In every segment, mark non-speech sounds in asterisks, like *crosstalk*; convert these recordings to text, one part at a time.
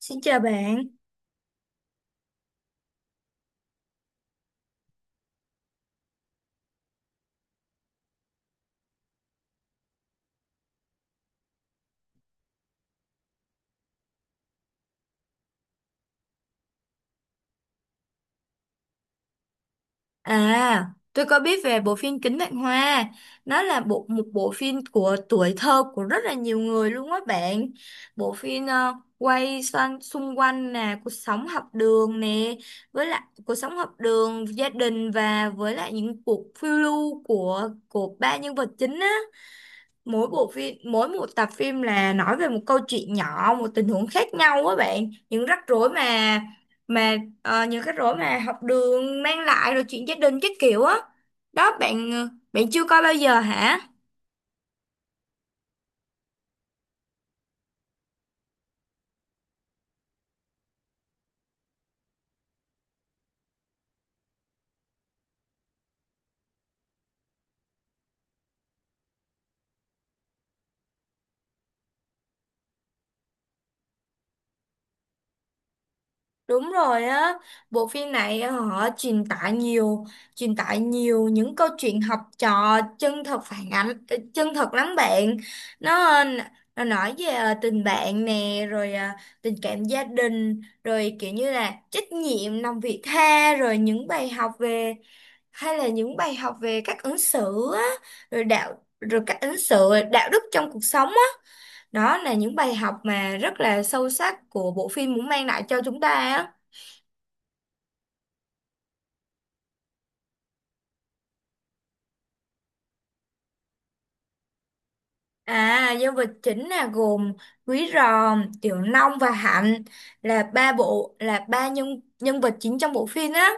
Xin chào bạn. À, tôi có biết về bộ phim Kính Vạn Hoa. Nó là một bộ phim của tuổi thơ của rất là nhiều người luôn á bạn. Bộ phim quay xoan, xung quanh là cuộc sống học đường nè, với lại cuộc sống học đường, gia đình và với lại những cuộc phiêu lưu của ba nhân vật chính á. Mỗi bộ phim mỗi một tập phim là nói về một câu chuyện nhỏ, một tình huống khác nhau á bạn, những rắc rối mà những rắc rối mà học đường mang lại rồi chuyện gia đình các kiểu á. Đó bạn, bạn chưa coi bao giờ hả? Đúng rồi á, bộ phim này họ truyền tải nhiều những câu chuyện học trò chân thật, phản ánh, chân thật lắm bạn. Nó, ờ, nó nói về tình bạn nè, rồi tình cảm gia đình, rồi kiểu như là trách nhiệm, lòng vị tha, rồi những bài học về, hay là những bài học về cách ứng xử á, rồi cách ứng xử, đạo đức trong cuộc sống á. Đó là những bài học mà rất là sâu sắc của bộ phim muốn mang lại cho chúng ta á. À, nhân vật chính là gồm Quý Ròm, Tiểu Long và Hạnh, là ba bộ là ba nhân nhân vật chính trong bộ phim á.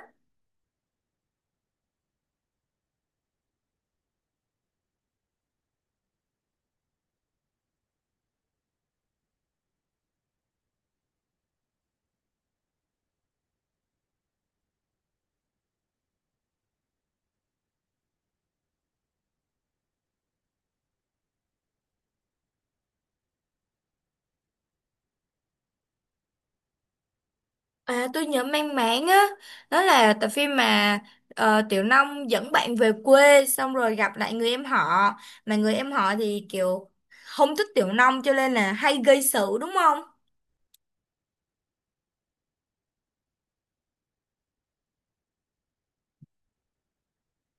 À, tôi nhớ mang máng á, đó là tập phim mà Tiểu Long dẫn bạn về quê xong rồi gặp lại người em họ, mà người em họ thì kiểu không thích Tiểu Long cho nên là hay gây sự, đúng không?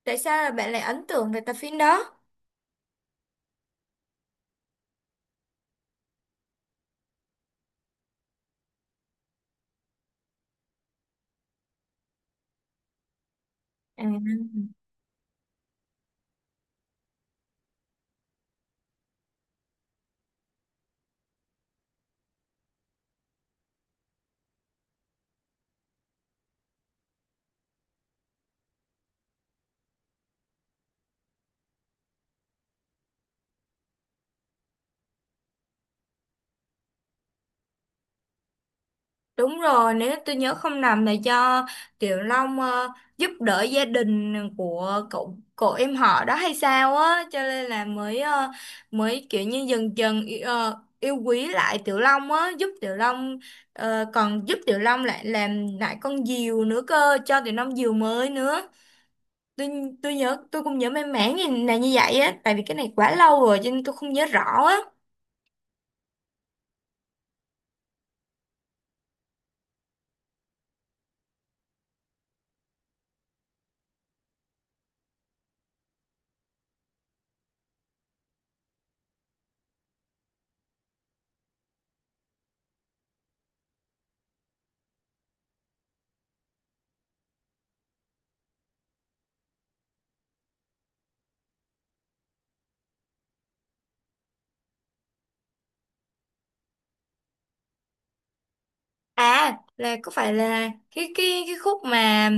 Tại sao là bạn lại ấn tượng về tập phim đó? À. Đúng rồi, nếu tôi nhớ không nhầm là do Tiểu Long giúp đỡ gia đình của cậu cậu em họ đó hay sao á, cho nên là mới kiểu như dần dần yêu quý lại Tiểu Long á, giúp Tiểu Long còn giúp Tiểu Long lại làm lại con diều nữa cơ, cho Tiểu Long diều mới nữa. Tôi tôi nhớ, tôi cũng nhớ mang máng như là như vậy á, tại vì cái này quá lâu rồi cho nên tôi không nhớ rõ á. À là có phải là cái khúc mà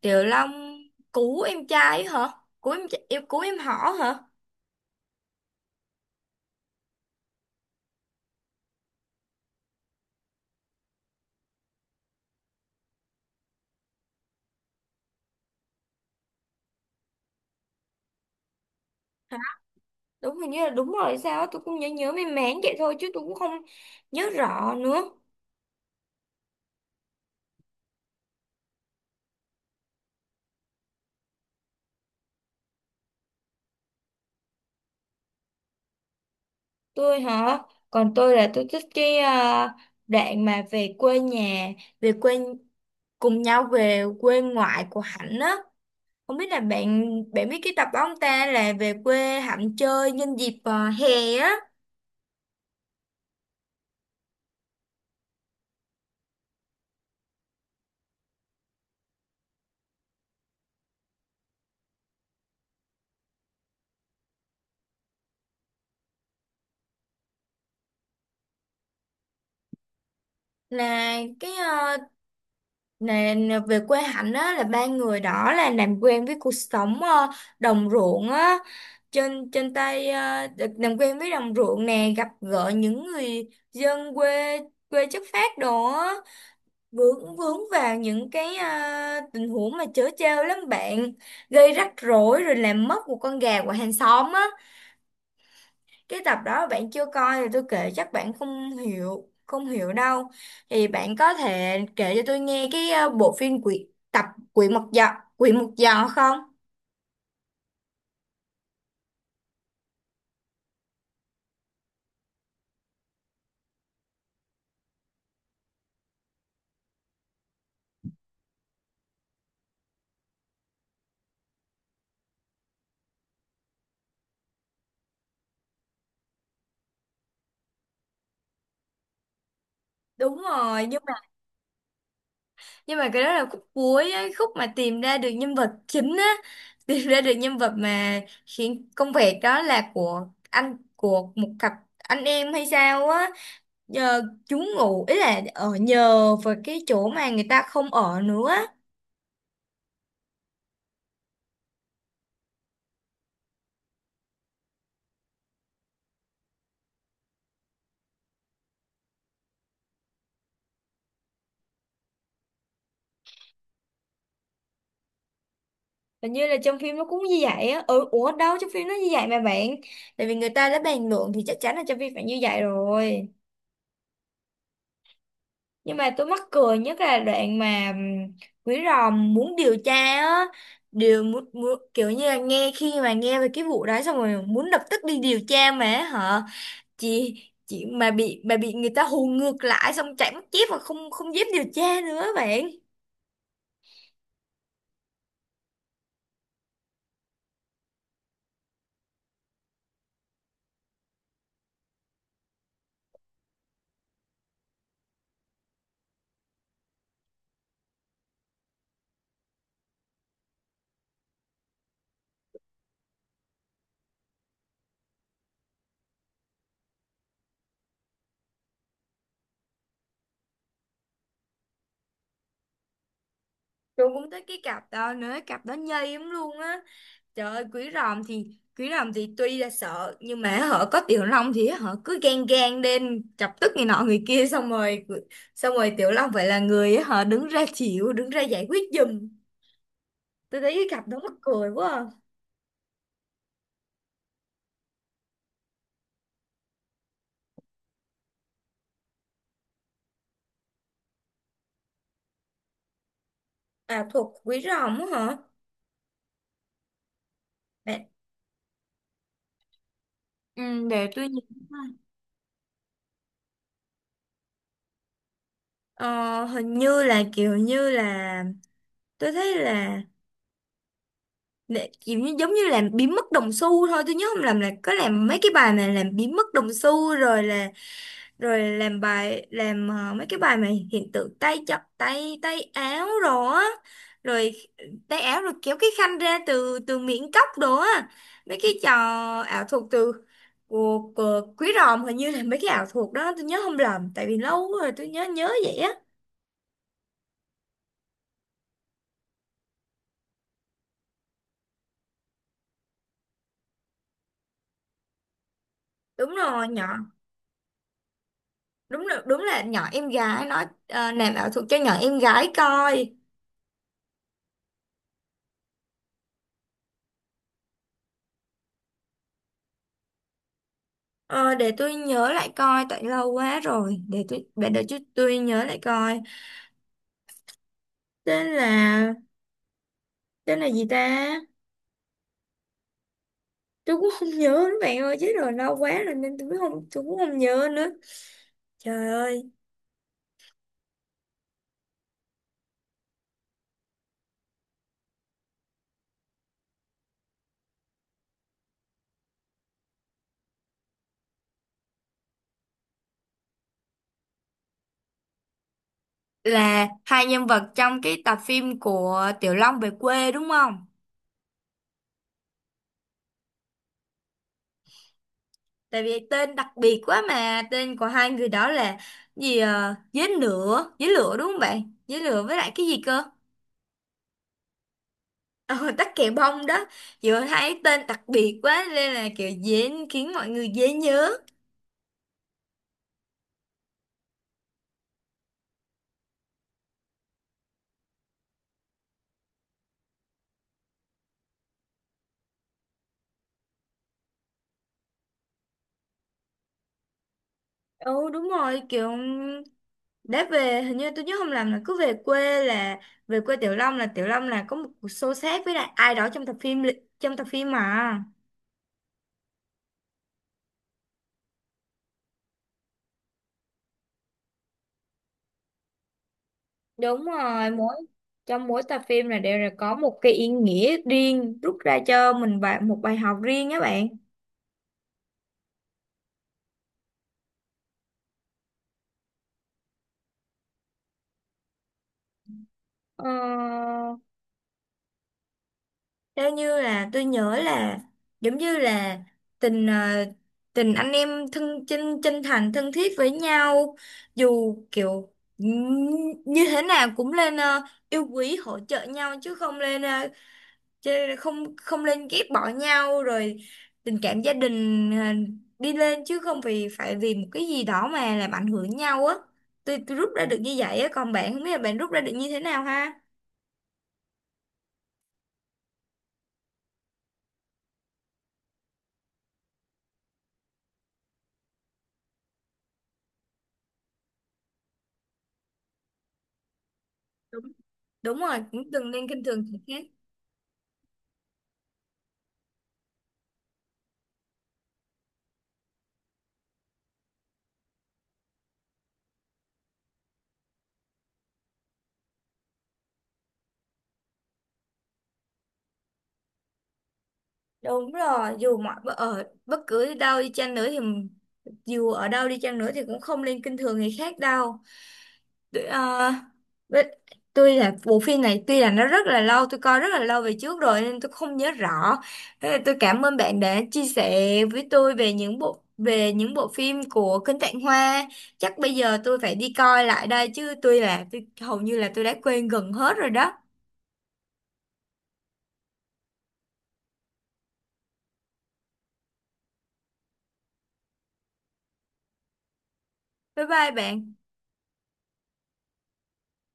Tiểu Long cứu em trai ấy hả? Cứu em cứu em họ hả? Đúng, hình như là đúng rồi sao á, tôi cũng nhớ nhớ mềm mén vậy thôi chứ tôi cũng không nhớ rõ nữa. Tôi hả? Còn tôi là tôi thích cái đoạn mà về quê nhà, về quê cùng nhau về quê ngoại của Hạnh á. Không biết là bạn bạn biết cái tập đó không ta, là về quê Hạnh chơi nhân dịp hè á. Là cái nè, nè, về quê Hạnh á là ba người đó là làm quen với cuộc sống đồng ruộng á, trên trên tay được làm quen với đồng ruộng nè, gặp gỡ những người dân quê quê chất phác đồ á, vướng vướng vào những cái tình huống mà trớ trêu lắm bạn, gây rắc rối rồi làm mất một con gà của hàng xóm á. Cái tập đó bạn chưa coi thì tôi kể chắc bạn không hiểu đâu. Thì bạn có thể kể cho tôi nghe cái bộ phim quỷ mật dọ, quỷ mật dọ không? Đúng rồi, nhưng mà cái đó là khúc cuối ấy, khúc mà tìm ra được nhân vật chính á. *laughs* Tìm ra được nhân vật mà khiến công việc đó là của một cặp anh em hay sao á, nhờ chúng ngủ, ý là ở nhờ vào cái chỗ mà người ta không ở nữa. Hình như là trong phim nó cũng như vậy á. Ừ, ủa đâu trong phim nó như vậy mà bạn. Tại vì người ta đã bàn luận thì chắc chắn là trong phim phải như vậy rồi. Nhưng mà tôi mắc cười nhất là đoạn mà Quý Ròm muốn điều tra á. Kiểu như là nghe, khi mà nghe về cái vụ đó xong rồi muốn lập tức đi điều tra mà hả? Chị chị mà bị người ta hù ngược lại xong chạy mất dép và không không dám điều tra nữa bạn. Tôi cũng tới cái cặp đó nữa, cặp đó nhây lắm luôn á. Trời ơi, quý ròm thì tuy là sợ nhưng mà họ có tiểu long thì họ cứ gan gan lên chọc tức người nọ người kia, xong rồi tiểu long phải là người họ đứng ra chịu, đứng ra giải quyết giùm. Tôi thấy cái cặp đó mắc cười quá à. À, thuộc quý ròm á hả? để, ừ, để tôi nhìn coi. Ờ, Hình như là kiểu như là tôi thấy là kiểu như giống như làm biến mất đồng xu thôi, tôi nhớ không làm là có làm mấy cái bài mà làm biến mất đồng xu, rồi là rồi làm mấy cái bài mà hiện tượng tay chập tay tay áo đồ á, rồi tay áo rồi kéo cái khăn ra từ từ miệng cốc đồ á. Mấy cái trò ảo thuật từ của quý ròm, hình như là mấy cái ảo thuật đó tôi nhớ không lầm, tại vì lâu rồi tôi nhớ nhớ vậy á. Đúng rồi nhỏ, đúng là nhỏ em gái, nói làm ảo thuật cho nhỏ em gái coi. Ờ, để tôi nhớ lại coi, tại lâu quá rồi, để tôi nhớ lại coi. Tên là tên là gì ta? Tôi cũng không nhớ nữa bạn ơi, chứ rồi lâu quá rồi nên tôi cũng không nhớ nữa. Trời ơi. Là hai nhân vật trong cái tập phim của Tiểu Long về quê đúng không? Tại vì tên đặc biệt quá mà. Tên của hai người đó là gì à? Dế lửa đúng không bạn? Dế lửa với lại cái gì cơ? Ờ, tắc kè bông đó. Vừa thấy tên đặc biệt quá nên là kiểu dễ khiến mọi người dễ nhớ. Ừ đúng rồi, kiểu đã về, hình như tôi nhớ không làm là cứ về quê là về quê Tiểu Long, là Tiểu Long là có một cuộc xô xát với lại ai đó trong tập phim, trong tập phim mà. Đúng rồi, mỗi trong mỗi tập phim là đều là có một cái ý nghĩa riêng, rút ra cho mình một bài học riêng á bạn. Ờ, theo như là tôi nhớ là giống như là tình tình anh em thân, chân chân thành thân thiết với nhau, dù kiểu như thế nào cũng lên yêu quý hỗ trợ nhau chứ không lên không không lên ghét bỏ nhau, rồi tình cảm gia đình đi lên chứ không vì phải vì một cái gì đó mà làm ảnh hưởng nhau á. Tôi rút ra được như vậy á, còn bạn, không biết là bạn rút ra được như thế nào ha. Đúng. Đúng rồi, cũng đừng nên khinh thường người khác. Đúng rồi, dù mọi ở bất cứ đâu đi chăng nữa thì dù ở đâu đi chăng nữa thì cũng không nên khinh thường người khác đâu. Tôi, ờ, với- tôi là, bộ phim này tuy là nó rất là lâu, tôi coi rất là lâu về trước rồi nên tôi không nhớ rõ. Thế là tôi cảm ơn bạn đã chia sẻ với tôi về những bộ phim của Kinh Tạng Hoa. Chắc bây giờ tôi phải đi coi lại đây, chứ hầu như là tôi đã quên gần hết rồi đó. Bye bye bạn.